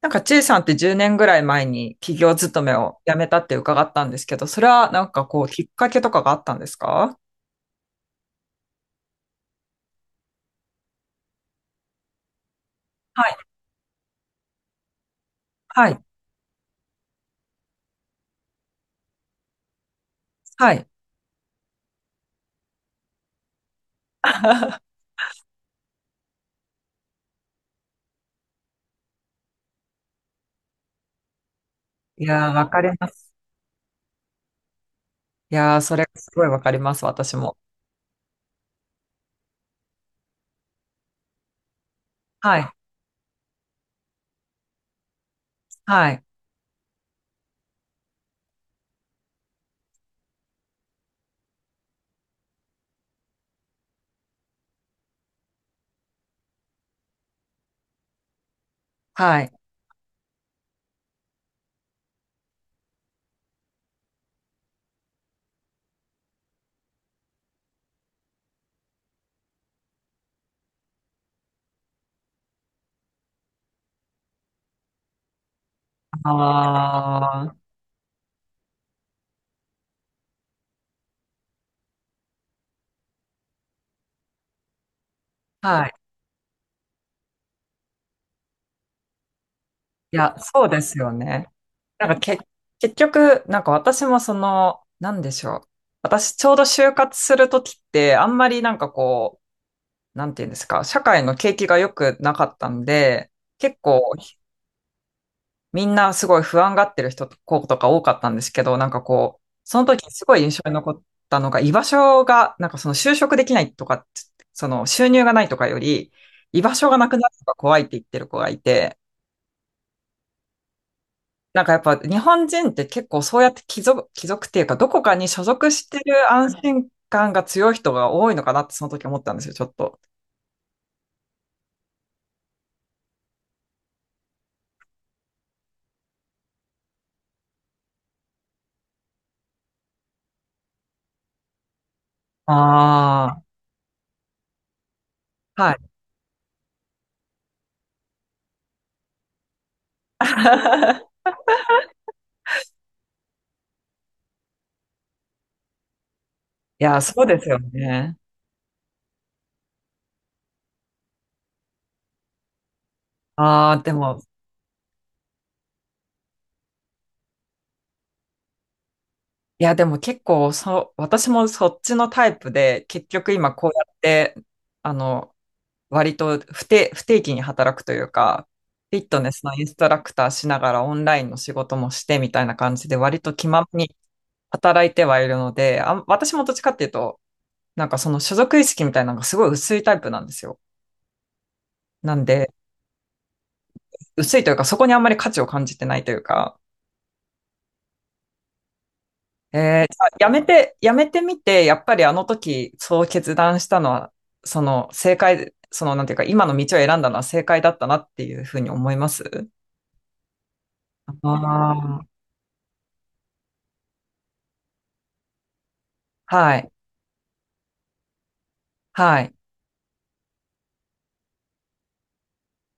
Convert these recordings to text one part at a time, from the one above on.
なんか、ちいさんって10年ぐらい前に企業勤めを辞めたって伺ったんですけど、それはなんかこう、きっかけとかがあったんですか？はい、はい、はい。いやー、わかります。いやー、それすごいわかります、私も。はい、はい、はい。あー、はい。いや、そうですよね。なんかけ、結局、なんか私もその、なんでしょう。私ちょうど就活するときって、あんまりなんかこう、なんていうんですか、社会の景気が良くなかったんで、結構みんなすごい不安がってる人と子とか多かったんですけど、なんかこう、その時にすごい印象に残ったのが、居場所が、なんかその就職できないとか、その収入がないとかより、居場所がなくなるのが怖いって言ってる子がいて、なんかやっぱ日本人って結構そうやって帰属、帰属っていうか、どこかに所属してる安心感が強い人が多いのかなってその時思ったんですよ、ちょっと。ああ、はい。いや、そうですよね。ああ、でも、いや、でも結構、そう、私もそっちのタイプで、結局今こうやって、あの、割と不定期に働くというか、フィットネスのインストラクターしながらオンラインの仕事もしてみたいな感じで、割と気ままに働いてはいるので、私もどっちかっていうと、なんかその所属意識みたいなのがすごい薄いタイプなんですよ。なんで、薄いというか、そこにあんまり価値を感じてないというか、じゃあやめてみて、やっぱりあの時、そう決断したのは、その正解、そのなんていうか、今の道を選んだのは正解だったなっていうふうに思います？ああ、はい、はい。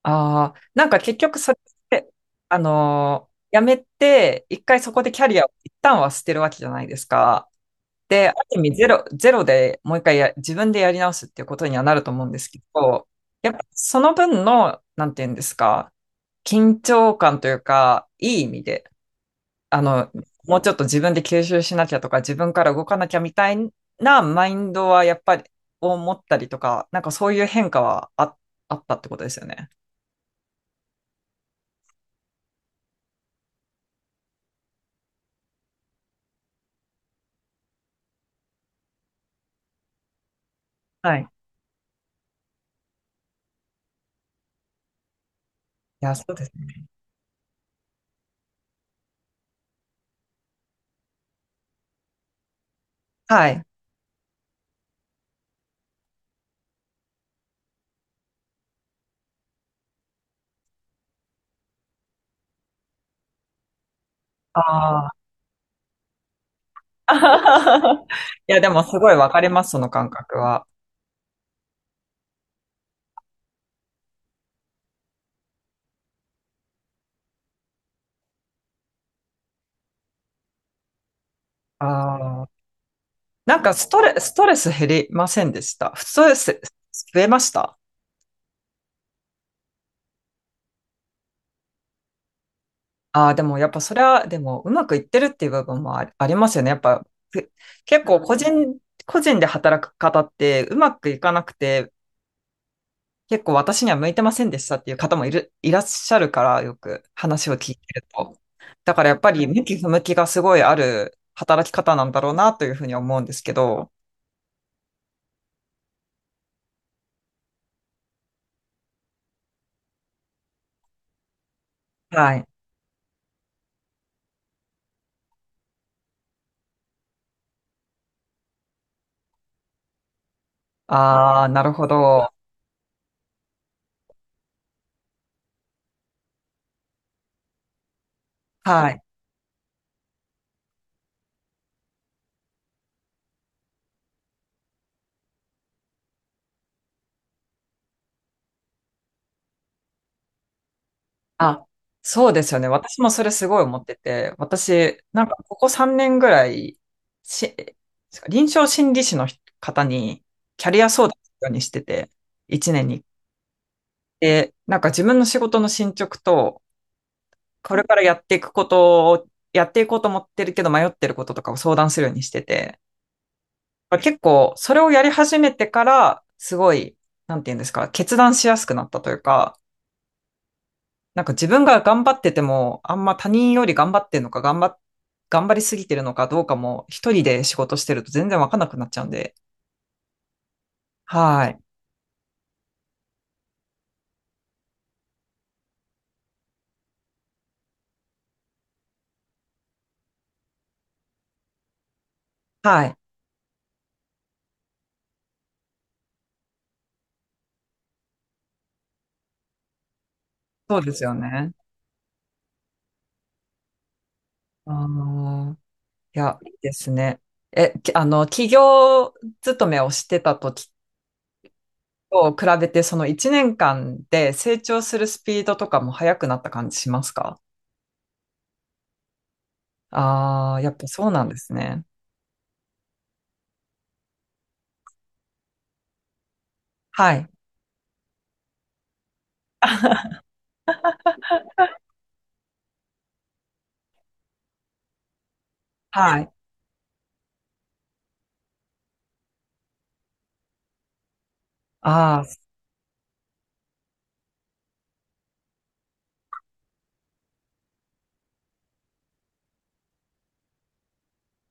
ああ、なんか結局それって、やめて、一回そこでキャリアを一旦は捨てるわけじゃないですか。で、ある意味ゼロでもう一回自分でやり直すっていうことにはなると思うんですけど、やっぱその分の、なんていうんですか、緊張感というか、いい意味で、あの、もうちょっと自分で吸収しなきゃとか、自分から動かなきゃみたいなマインドはやっぱり、を持ったりとか、なんかそういう変化はあったってことですよね。はい。いや、そうですね。はい。ああ。いや、でもすごいわかります、その感覚は。ああ。なんかストレス減りませんでした？ストレス増えました？ああー、でもやっぱそれは、でもうまくいってるっていう部分もありますよね。やっぱ、ふ結構個人で働く方ってうまくいかなくて、結構私には向いてませんでしたっていう方もいらっしゃるから、よく話を聞いてると。だからやっぱり向き不向きがすごいある働き方なんだろうなというふうに思うんですけど。はい。ああ、なるほど。はい。あ、そうですよね。私もそれすごい思ってて、私、なんかここ3年ぐらい、し、臨床心理士の方にキャリア相談するようにしてて、1年に。で、なんか自分の仕事の進捗と、これからやっていくことを、やっていこうと思ってるけど迷ってることとかを相談するようにしてて、結構それをやり始めてから、すごい、なんていうんですか、決断しやすくなったというか、なんか自分が頑張ってても、あんま他人より頑張ってるのか、頑張りすぎてるのかどうかも、一人で仕事してると全然わかんなくなっちゃうんで。はい。はい。そうですよね。あのいや、いいですね。え、きあの、企業勤めをしてた時と比べて、その1年間で成長するスピードとかも速くなった感じしますか？ああー、やっぱそうなんですね。はい。はい。ああ、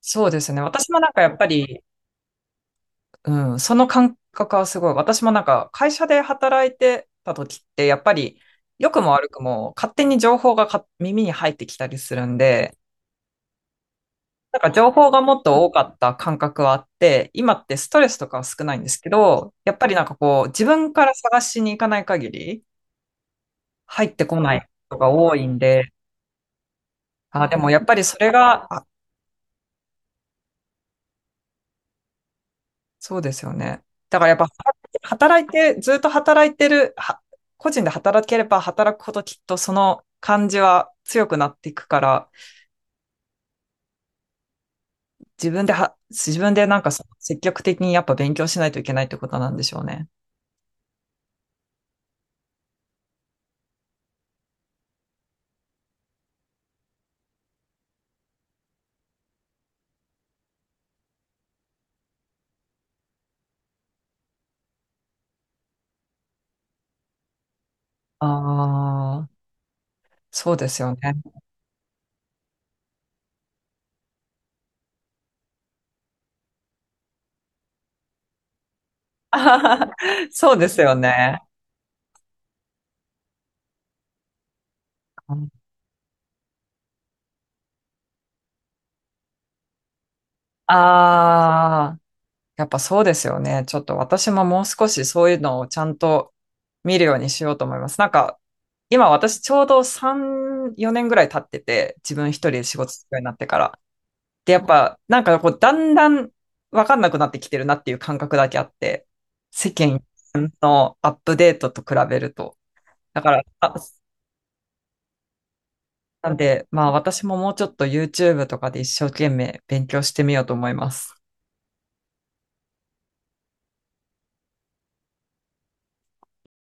そうですね。私もなんかやっぱり、うん、その感覚はすごい。私もなんか会社で働いてた時って、やっぱり良くも悪くも勝手に情報が耳に入ってきたりするんで、なんか情報がもっと多かった感覚はあって、今ってストレスとかは少ないんですけど、やっぱりなんかこう自分から探しに行かない限り入ってこないことが多いんで、あ、でもやっぱりそれがそうですよね。だからやっぱ、働いて、ずっと働いてる、個人で働ければ働くほどきっとその感じは強くなっていくから、自分でなんかその積極的にやっぱ勉強しないといけないってことなんでしょうね。ああ、そうですよね。そうですよね。ああ、やっぱそうですよね。ちょっと私ももう少しそういうのをちゃんと見るようにしようと思います。なんか、今私ちょうど3、4年ぐらい経ってて、自分一人で仕事するようになってから。で、やっぱ、なんかこう、だんだんわかんなくなってきてるなっていう感覚だけあって、世間のアップデートと比べると。だから、あ、なんで、まあ私ももうちょっと YouTube とかで一生懸命勉強してみようと思います。